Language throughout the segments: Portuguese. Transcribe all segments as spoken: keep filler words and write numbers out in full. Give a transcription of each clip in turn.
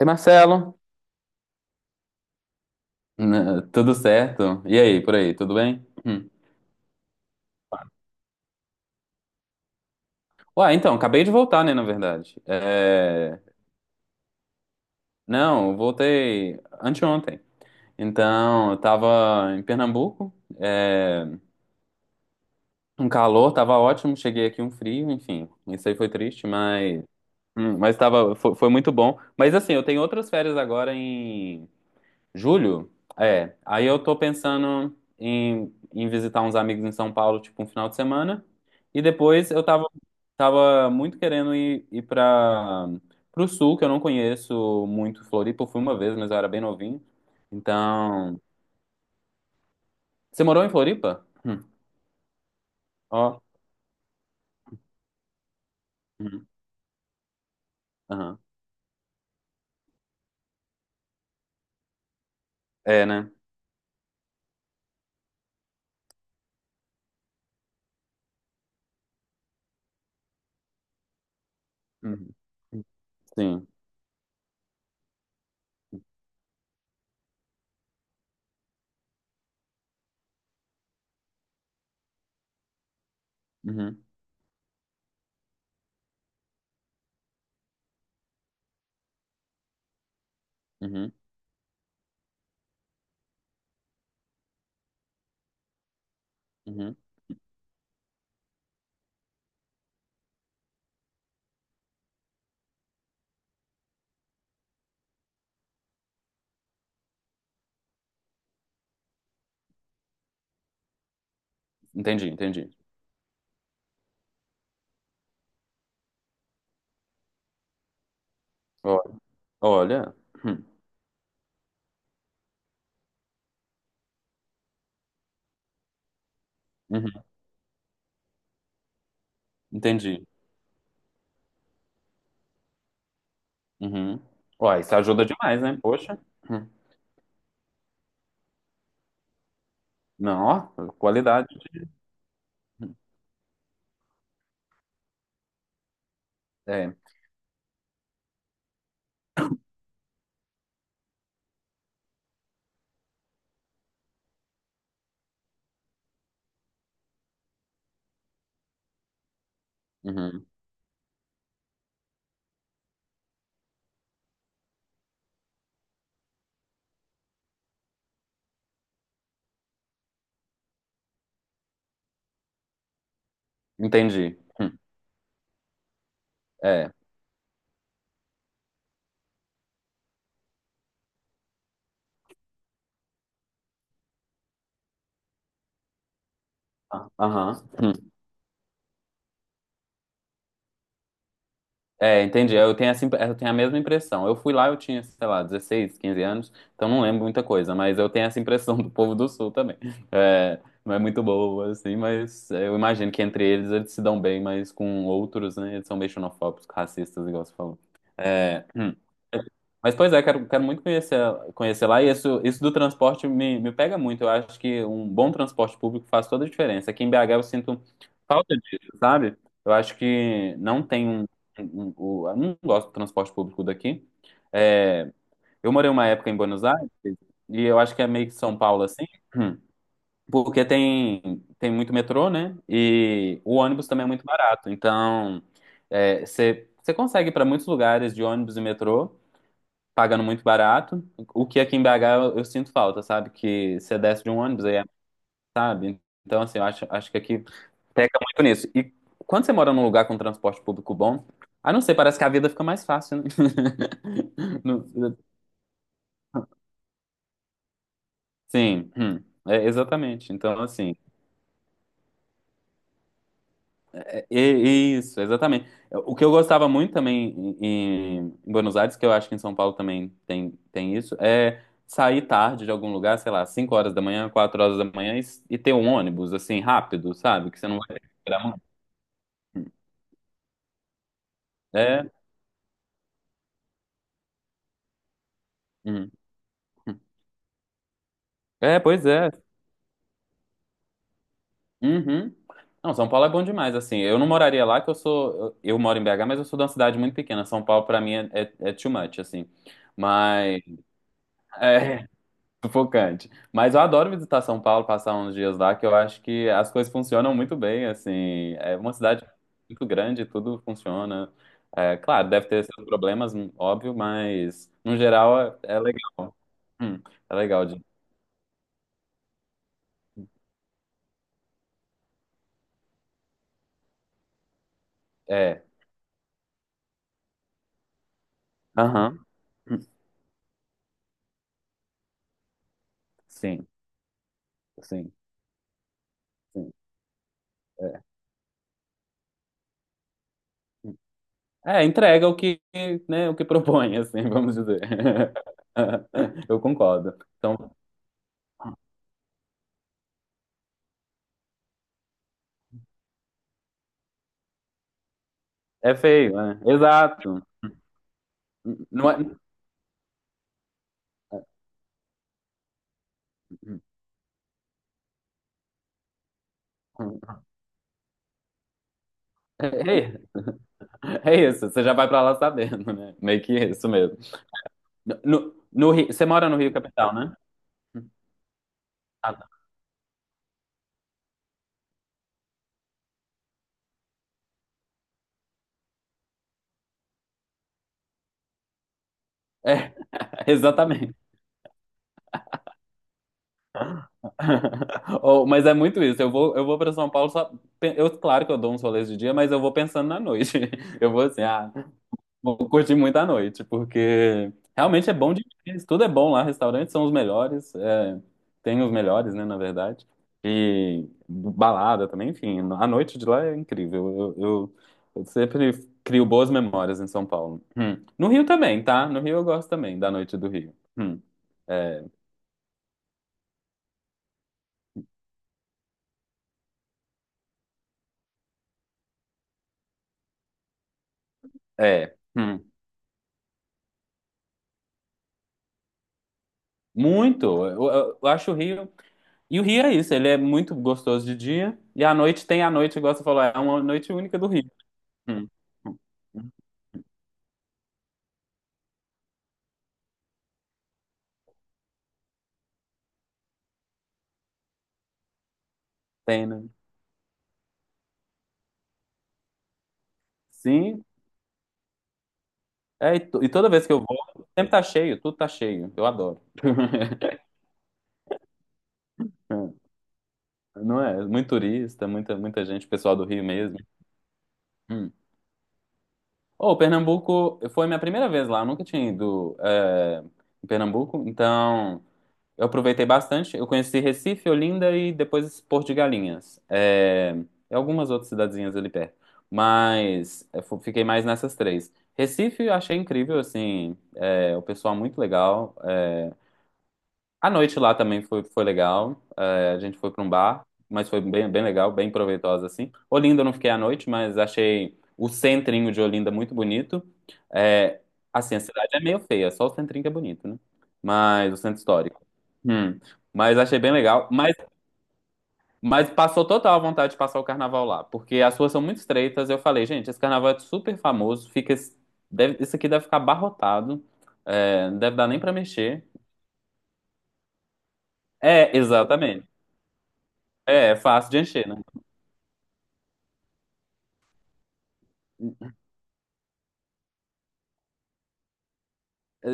E Marcelo, né, tudo certo? E aí, por aí, tudo bem? Hum. Ué, então, acabei de voltar, né, na verdade. É, não, eu voltei anteontem. Então, eu tava em Pernambuco, é, um calor, tava ótimo, cheguei aqui um frio, enfim, isso aí foi triste, mas, hum, mas tava, foi, foi muito bom. Mas assim, eu tenho outras férias agora. Julho? É. Aí eu tô pensando em, em visitar uns amigos em São Paulo, tipo, um final de semana. E depois eu tava, tava muito querendo ir, ir pra, pro sul, que eu não conheço muito Floripa. Eu fui uma vez, mas eu era bem novinho. Então. Você morou em Floripa? Hum. Ó. Uhum. Aham. É, né? Uhum. Sim. Uhum. Uhum. Uhum. Entendi, entendi. Ó, olha. Hum. Uhum. Entendi. Uhum. Ó, isso ajuda demais, né? Poxa. Hum. Não, ó, qualidade. Hum. É. Uhum. Entendi. Hum. É. Ah, aham. Hum. É, entendi. Eu tenho essa, imp- eu tenho a mesma impressão. Eu fui lá, eu tinha, sei lá, dezesseis, quinze anos, então não lembro muita coisa, mas eu tenho essa impressão do povo do Sul também. É, não é muito boa, assim, mas eu imagino que entre eles eles se dão bem, mas com outros, né, eles são meio xenofóbicos, racistas, igual você falou. É, hum. Mas, pois é, quero, quero muito conhecer, conhecer lá. E isso, isso do transporte me, me pega muito. Eu acho que um bom transporte público faz toda a diferença. Aqui em B H eu sinto falta disso, sabe? Eu acho que não tem um. um- um- eu não gosto do transporte público daqui. É, eu morei uma época em Buenos Aires, e eu acho que é meio que São Paulo assim, porque tem, tem muito metrô, né? E o ônibus também é muito barato. Então, é, você você consegue ir para muitos lugares de ônibus e metrô pagando muito barato. O que aqui em B H eu, eu sinto falta, sabe? Que você desce de um ônibus aí, é, sabe? Então, assim, eu acho, acho que aqui peca muito nisso. E quando você mora num lugar com transporte público bom, ah, não sei, parece que a vida fica mais fácil, né? Não. Sim, hum, é, exatamente. Então, assim. E- Isso, exatamente. O que eu gostava muito também em, em Buenos Aires, que eu acho que em São Paulo também tem, tem isso, é sair tarde de algum lugar, sei lá, cinco horas da manhã, quatro horas da manhã, e, e ter um ônibus, assim, rápido, sabe? Que você não vai ter que esperar muito. É, uhum. É, pois é. Uhum. Não, São Paulo é bom demais, assim. Eu não moraria lá, que eu sou. Eu, eu moro em B H, mas eu sou de uma cidade muito pequena. São Paulo, pra mim, é, é, é too much, assim. Mas. É, sufocante. Mas eu adoro visitar São Paulo, passar uns dias lá, que eu acho que as coisas funcionam muito bem, assim. É uma cidade muito grande, tudo funciona. É, claro, deve ter seus problemas, hum, óbvio, mas no geral é, é legal. Hum, é legal de. É. Aham. Hum, sim, sim, sim. É. É, entrega o que, né, o que propõe, assim, vamos dizer. Eu concordo. Então, é feio, né? Exato. Não é... hum, hum, hum. É isso. É isso, você já vai pra lá sabendo, né? Meio que isso mesmo. No, no- no Rio, você mora no Rio Capital, né? Ah, tá. É, exatamente. Oh, mas é muito isso. Eu vou, eu vou para São Paulo só. pe- Eu, claro que eu dou uns rolês de dia, mas eu vou pensando na noite. Eu vou assim, ah, vou curtir muito a noite, porque realmente é bom demais. Tudo é bom lá, restaurantes são os melhores, é, tem os melhores, né, na verdade. E balada também, enfim, a noite de lá é incrível. Eu, eu- eu sempre crio boas memórias em São Paulo. Hum. No Rio também, tá? No Rio eu gosto também da noite do Rio. Hum. É, é, hum, muito. Eu, eu- eu acho o Rio. E o Rio é isso, ele é muito gostoso de dia, e à noite tem a noite, igual você falou, é uma noite única do Rio. Hum. Hum. Tem, né? Sim. É, e, to- e toda vez que eu vou, sempre tá cheio, tudo tá cheio. Eu adoro. Não é? Muito turista, muita, muita gente, pessoal do Rio mesmo. Hum. Oh, Pernambuco foi minha primeira vez lá, eu nunca tinha ido é, em Pernambuco, então eu aproveitei bastante. Eu conheci Recife, Olinda e depois Porto de Galinhas. É, e algumas outras cidadezinhas ali perto. Mas eu fu- fiquei mais nessas três. Recife eu achei incrível, assim, é, o pessoal muito legal. A noite lá também foi, foi legal. É, a gente foi para um bar, mas foi bem, bem legal, bem proveitosa assim. Olinda eu não fiquei à noite, mas achei o centrinho de Olinda muito bonito. É, assim, a cidade é meio feia, só o centrinho que é bonito, né? Mas o centro histórico. Hum. Mas achei bem legal. Mas, mas passou total a vontade de passar o carnaval lá, porque as ruas são muito estreitas. Eu falei, gente, esse carnaval é super famoso, fica, deve, isso aqui deve ficar abarrotado, é, não deve dar nem para mexer. É, exatamente. É, é fácil de encher, né?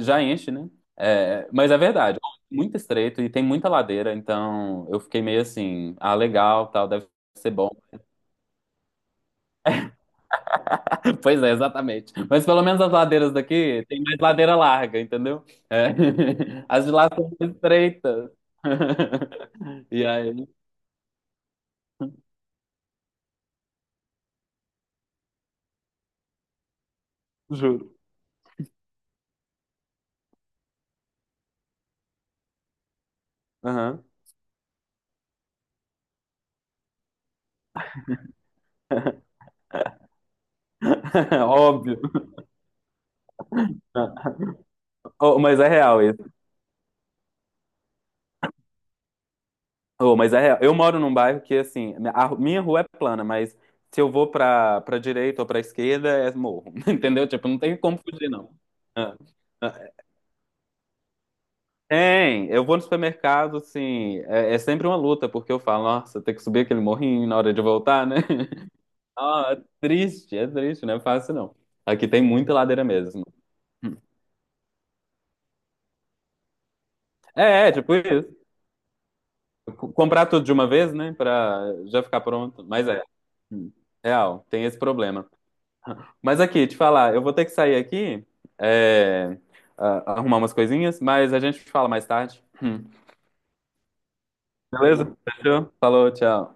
Já enche, né? É, mas é verdade, muito estreito e tem muita ladeira, então eu fiquei meio assim, ah, legal, tal, deve ser bom. Pois é, exatamente. Mas pelo menos as ladeiras daqui tem mais ladeira larga, entendeu? É. As de lá são mais estreitas. E aí, juro. Aham. Óbvio. Oh, mas é real Oh, mas é, real. Eu moro num bairro que, assim, a ru- minha rua é plana, mas se eu vou pra, pra direita ou pra esquerda, é morro, entendeu? Tipo, não tem como fugir, não. Ah, ah, Tem, eu vou no supermercado, assim, é, é sempre uma luta, porque eu falo, nossa, tem que subir aquele morrinho na hora de voltar, né? Ah, é triste, é triste, não é fácil, não. Aqui tem muita ladeira mesmo. É, é, tipo isso. C- Comprar tudo de uma vez, né, pra já ficar pronto, mas é. Hum, Real, tem esse problema. Mas aqui, te falar, eu vou ter que sair aqui, é, a- arrumar umas coisinhas, mas a gente fala mais tarde. Hum. Beleza? Fechou? Falou, tchau.